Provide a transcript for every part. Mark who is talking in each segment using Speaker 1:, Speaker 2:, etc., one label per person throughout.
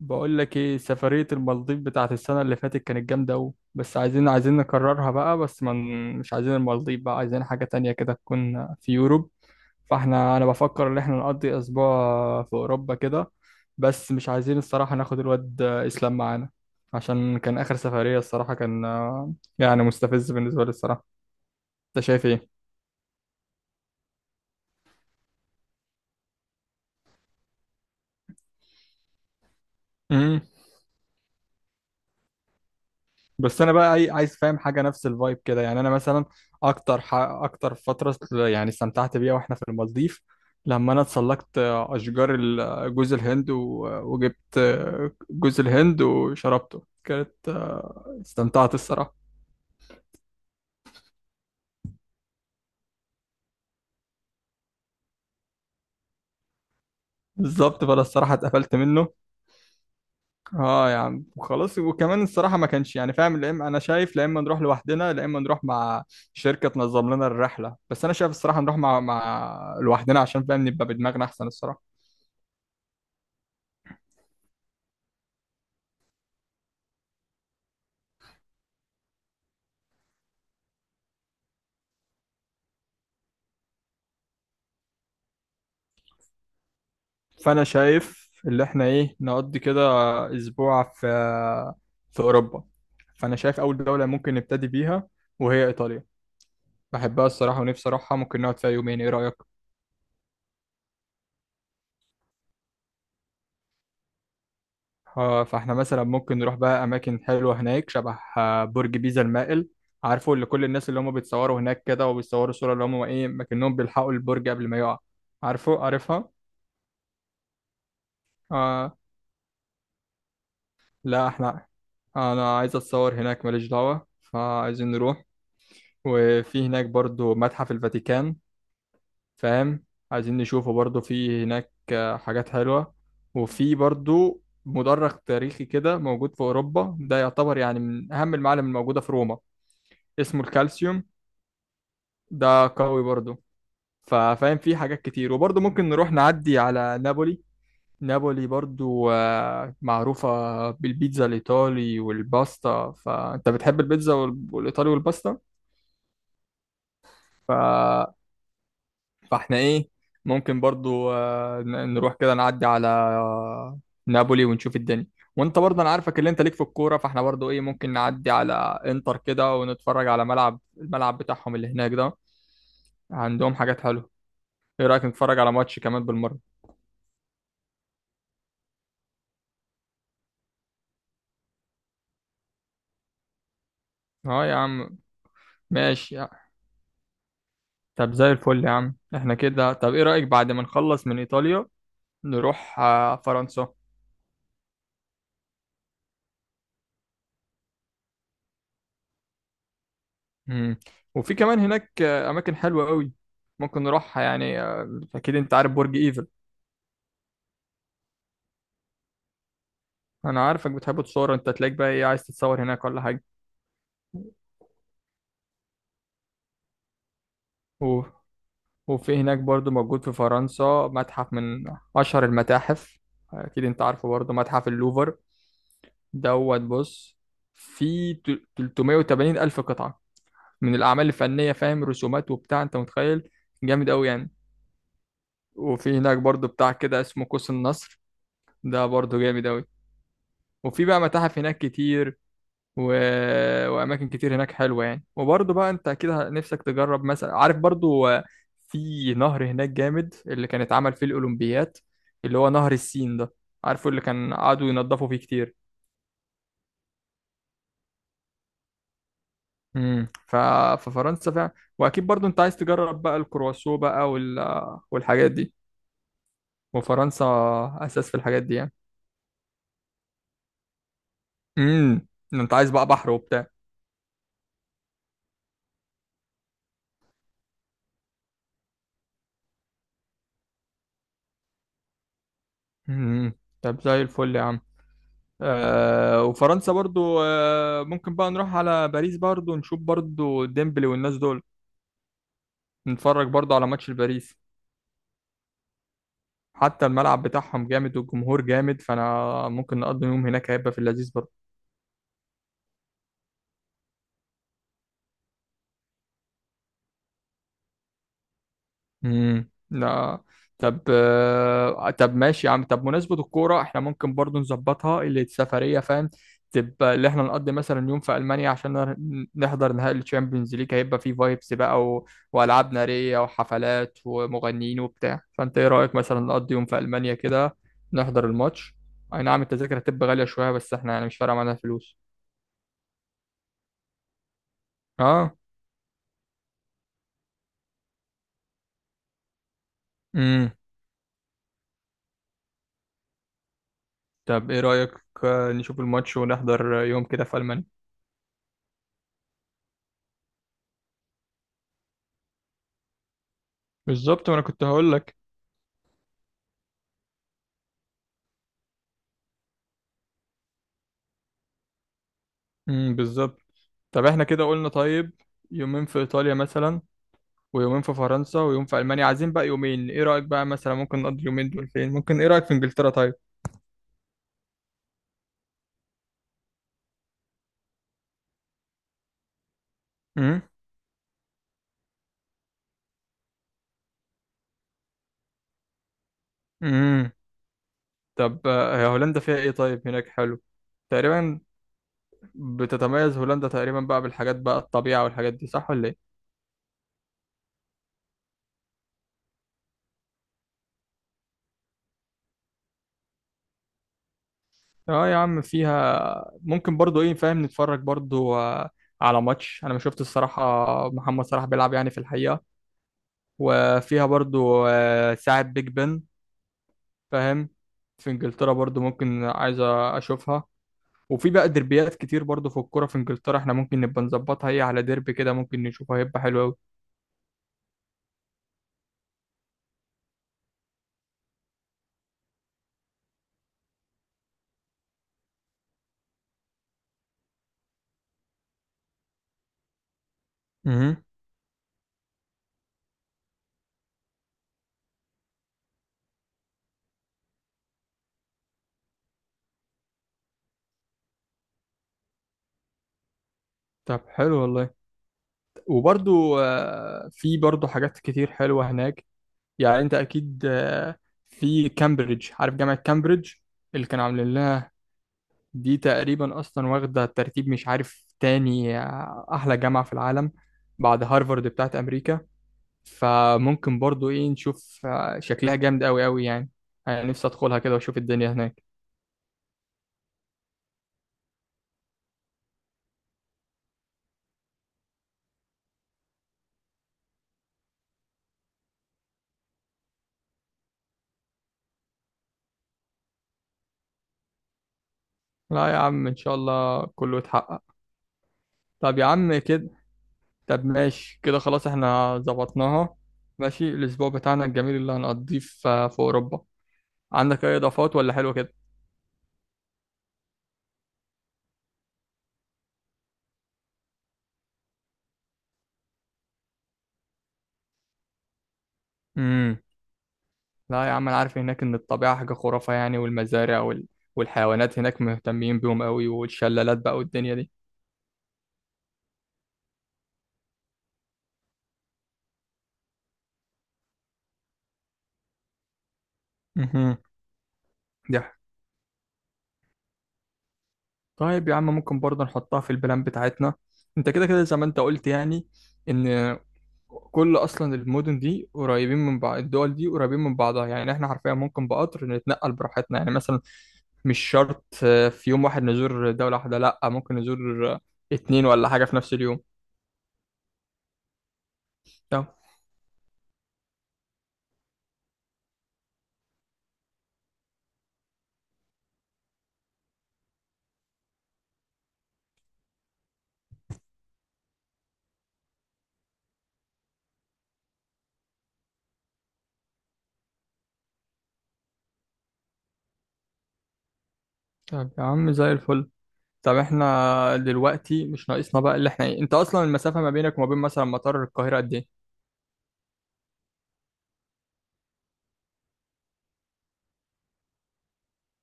Speaker 1: بقول لك ايه سفرية المالديف بتاعت السنة اللي فاتت كانت جامدة أوي بس عايزين نكررها بقى بس من مش عايزين المالديف بقى عايزين حاجة تانية كده تكون في يوروب. فاحنا انا بفكر ان احنا نقضي اسبوع في اوروبا كده. بس مش عايزين الصراحة ناخد الواد اسلام معانا عشان كان اخر سفرية الصراحة كان يعني مستفز بالنسبة لي الصراحة. انت شايف ايه؟ بس انا بقى عايز فاهم حاجه نفس الفايب كده يعني انا مثلا اكتر اكتر فتره يعني استمتعت بيها واحنا في المالديف. لما انا اتسلقت اشجار جوز الهند وجبت جوز الهند وشربته كانت استمتعت الصراحه. بالظبط فانا الصراحه اتقفلت منه. اه يا عم وخلاص وكمان الصراحه ما كانش يعني فاهم لا اما انا شايف لا اما نروح لوحدنا لا اما نروح مع شركه تنظم لنا الرحله بس انا شايف الصراحه نروح مع لوحدنا عشان فاهم نبقى بدماغنا احسن الصراحه. فانا شايف اللي احنا ايه نقضي كده اسبوع في اوروبا. فانا شايف اول دولة ممكن نبتدي بيها وهي ايطاليا. بحبها الصراحة ونفسي اروحها ممكن نقعد فيها يومين ايه رأيك؟ فاحنا مثلا ممكن نروح بقى اماكن حلوة هناك شبه برج بيزا المائل. عارفه اللي كل الناس اللي هم بيتصوروا هناك كده وبيتصوروا صورة اللي هم ايه مكنهم بيلحقوا البرج قبل ما يقع. عارفه عارفها. آه لا احنا انا عايز اتصور هناك ماليش دعوة. فعايزين نروح. وفي هناك برضو متحف الفاتيكان فاهم. عايزين نشوفه برضو في هناك حاجات حلوة. وفي برضو مدرج تاريخي كده موجود في أوروبا ده يعتبر يعني من أهم المعالم الموجودة في روما. اسمه الكالسيوم. ده قوي برضو. ففاهم في حاجات كتير وبرضو ممكن نروح نعدي على نابولي. نابولي برضو معروفة بالبيتزا الإيطالي والباستا. فأنت بتحب البيتزا والإيطالي والباستا. فاحنا ايه ممكن برضو نروح كده نعدي على نابولي ونشوف الدنيا. وانت برضه انا عارفك اللي انت ليك في الكوره فاحنا برضو ايه ممكن نعدي على انتر كده ونتفرج على الملعب بتاعهم اللي هناك ده. عندهم حاجات حلوه. ايه رايك نتفرج على ماتش كمان بالمره؟ اه يا عم. ماشي يا- طب زي الفل يا عم احنا كده. طب ايه رايك بعد ما نخلص من ايطاليا نروح فرنسا؟ مم. وفي كمان هناك اماكن حلوه قوي ممكن نروحها يعني. اكيد انت عارف برج ايفل. انا عارفك بتحب تصور انت تلاقيك بقى ايه عايز تتصور هناك ولا حاجه؟ و... وفي هناك برضو موجود في فرنسا متحف من اشهر المتاحف. اكيد انت عارفه برضو متحف اللوفر دوت بص. في 380 الف قطعه من الاعمال الفنيه فاهم رسومات وبتاع انت متخيل. جامد قوي يعني. وفي هناك برضو بتاع كده اسمه قوس النصر. ده برضو جامد قوي. وفي بقى متاحف هناك كتير و... واماكن كتير هناك حلوه يعني. وبرضه بقى انت اكيد نفسك تجرب مثلا عارف برضه في نهر هناك جامد اللي كان اتعمل فيه الاولمبيات اللي هو نهر السين ده. عارفه اللي كان قعدوا ينضفوا فيه كتير. امم ف... ففرنسا فعلا. واكيد برضه انت عايز تجرب بقى الكرواسو بقى والحاجات دي. وفرنسا اساس في الحاجات دي يعني. امم انت عايز بقى بحر وبتاع. امم طب زي الفل يا عم. وفرنسا برضو ممكن بقى نروح على باريس برضو نشوف برضو ديمبلي والناس دول. نتفرج برضو على ماتش الباريس. حتى الملعب بتاعهم جامد والجمهور جامد فانا ممكن نقضي يوم هناك هيبقى في اللذيذ برضو. لا. طب طب ماشي يا عم. طب مناسبة الكورة احنا ممكن برضو نظبطها اللي السفرية فاهم. تبقى اللي احنا نقضي مثلا يوم في ألمانيا عشان نحضر نهائي الشامبيونز ليج هيبقى فيه فايبس بقى وألعاب نارية وحفلات ومغنيين وبتاع. فأنت ايه رأيك مثلا نقضي يوم في ألمانيا كده نحضر الماتش؟ أي نعم التذاكر هتبقى غالية شوية بس احنا يعني مش فارقة معانا الفلوس. اه. امم طب ايه رأيك نشوف الماتش ونحضر يوم كده في ألمانيا؟ بالظبط ما انا كنت هقول لك. بالظبط. طب احنا كده قلنا طيب يومين في ايطاليا مثلا ويومين في فرنسا ويوم في المانيا. عايزين بقى يومين. ايه رايك بقى مثلا ممكن نقضي اليومين دول فين؟ ممكن ايه رايك في انجلترا طيب؟ امم امم طب هي هولندا فيها ايه طيب؟ هناك حلو تقريبا. بتتميز هولندا تقريبا بقى بالحاجات بقى الطبيعه والحاجات دي صح ولا ايه؟ اه يا عم. فيها ممكن برضو ايه فاهم نتفرج برضو على ماتش. انا ما شفت الصراحه محمد صلاح بيلعب يعني في الحقيقه. وفيها برضو ساعه بيج بن فاهم. في انجلترا برضو ممكن عايز اشوفها. وفي بقى دربيات كتير برضو في الكوره في انجلترا احنا ممكن نبقى نظبطها هي على ديربي كده ممكن نشوفها هيبقى حلو قوي. امم طب حلو والله. وبرضو في برضو حاجات كتير حلوه هناك يعني. انت اكيد في كامبريدج عارف جامعه كامبريدج اللي كانوا عاملين لها. دي تقريبا اصلا واخده ترتيب مش عارف تاني احلى جامعه في العالم بعد هارفارد بتاعت امريكا. فممكن برضو ايه نشوف شكلها جامد قوي قوي يعني. انا نفسي ادخلها كده واشوف الدنيا هناك. لا يا عم ان شاء الله كله يتحقق. طب يا عم كده طب ماشي كده خلاص احنا ظبطناها. ماشي الاسبوع بتاعنا الجميل اللي هنقضيه في اوروبا. عندك اي اضافات ولا حلو كده؟ امم لا يا عم انا عارف هناك ان الطبيعه حاجه خرافه يعني والمزارع والحيوانات هناك مهتمين بيهم قوي والشلالات بقى والدنيا دي. مهم. دي طيب يا عم ممكن برضه نحطها في البلان بتاعتنا. انت كده كده زي ما انت قلت يعني ان كل اصلا المدن دي قريبين من بعض. الدول دي قريبين من بعضها يعني احنا حرفيا ممكن بقطر نتنقل براحتنا. يعني مثلا مش شرط في يوم واحد نزور دولة واحدة لا ممكن نزور 2 ولا حاجة في نفس اليوم. طب طب يا عم زي الفل. طب احنا دلوقتي مش ناقصنا بقى اللي احنا ايه. انت اصلا المسافة ما بينك وما بين مثلا مطار القاهرة قد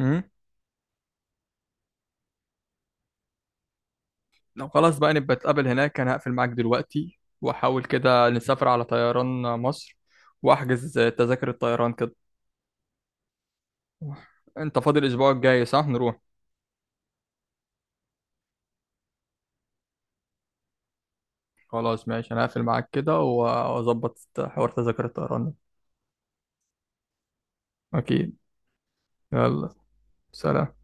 Speaker 1: ايه؟ لو خلاص بقى نبقى نتقابل هناك. انا هقفل معاك دلوقتي واحاول كده نسافر على طيران مصر واحجز تذاكر الطيران كده. انت فاضي الاسبوع الجاي صح نروح؟ خلاص ماشي انا هقفل معاك كده واظبط حوار تذاكر الطيران ده. اكيد. يلا. سلام.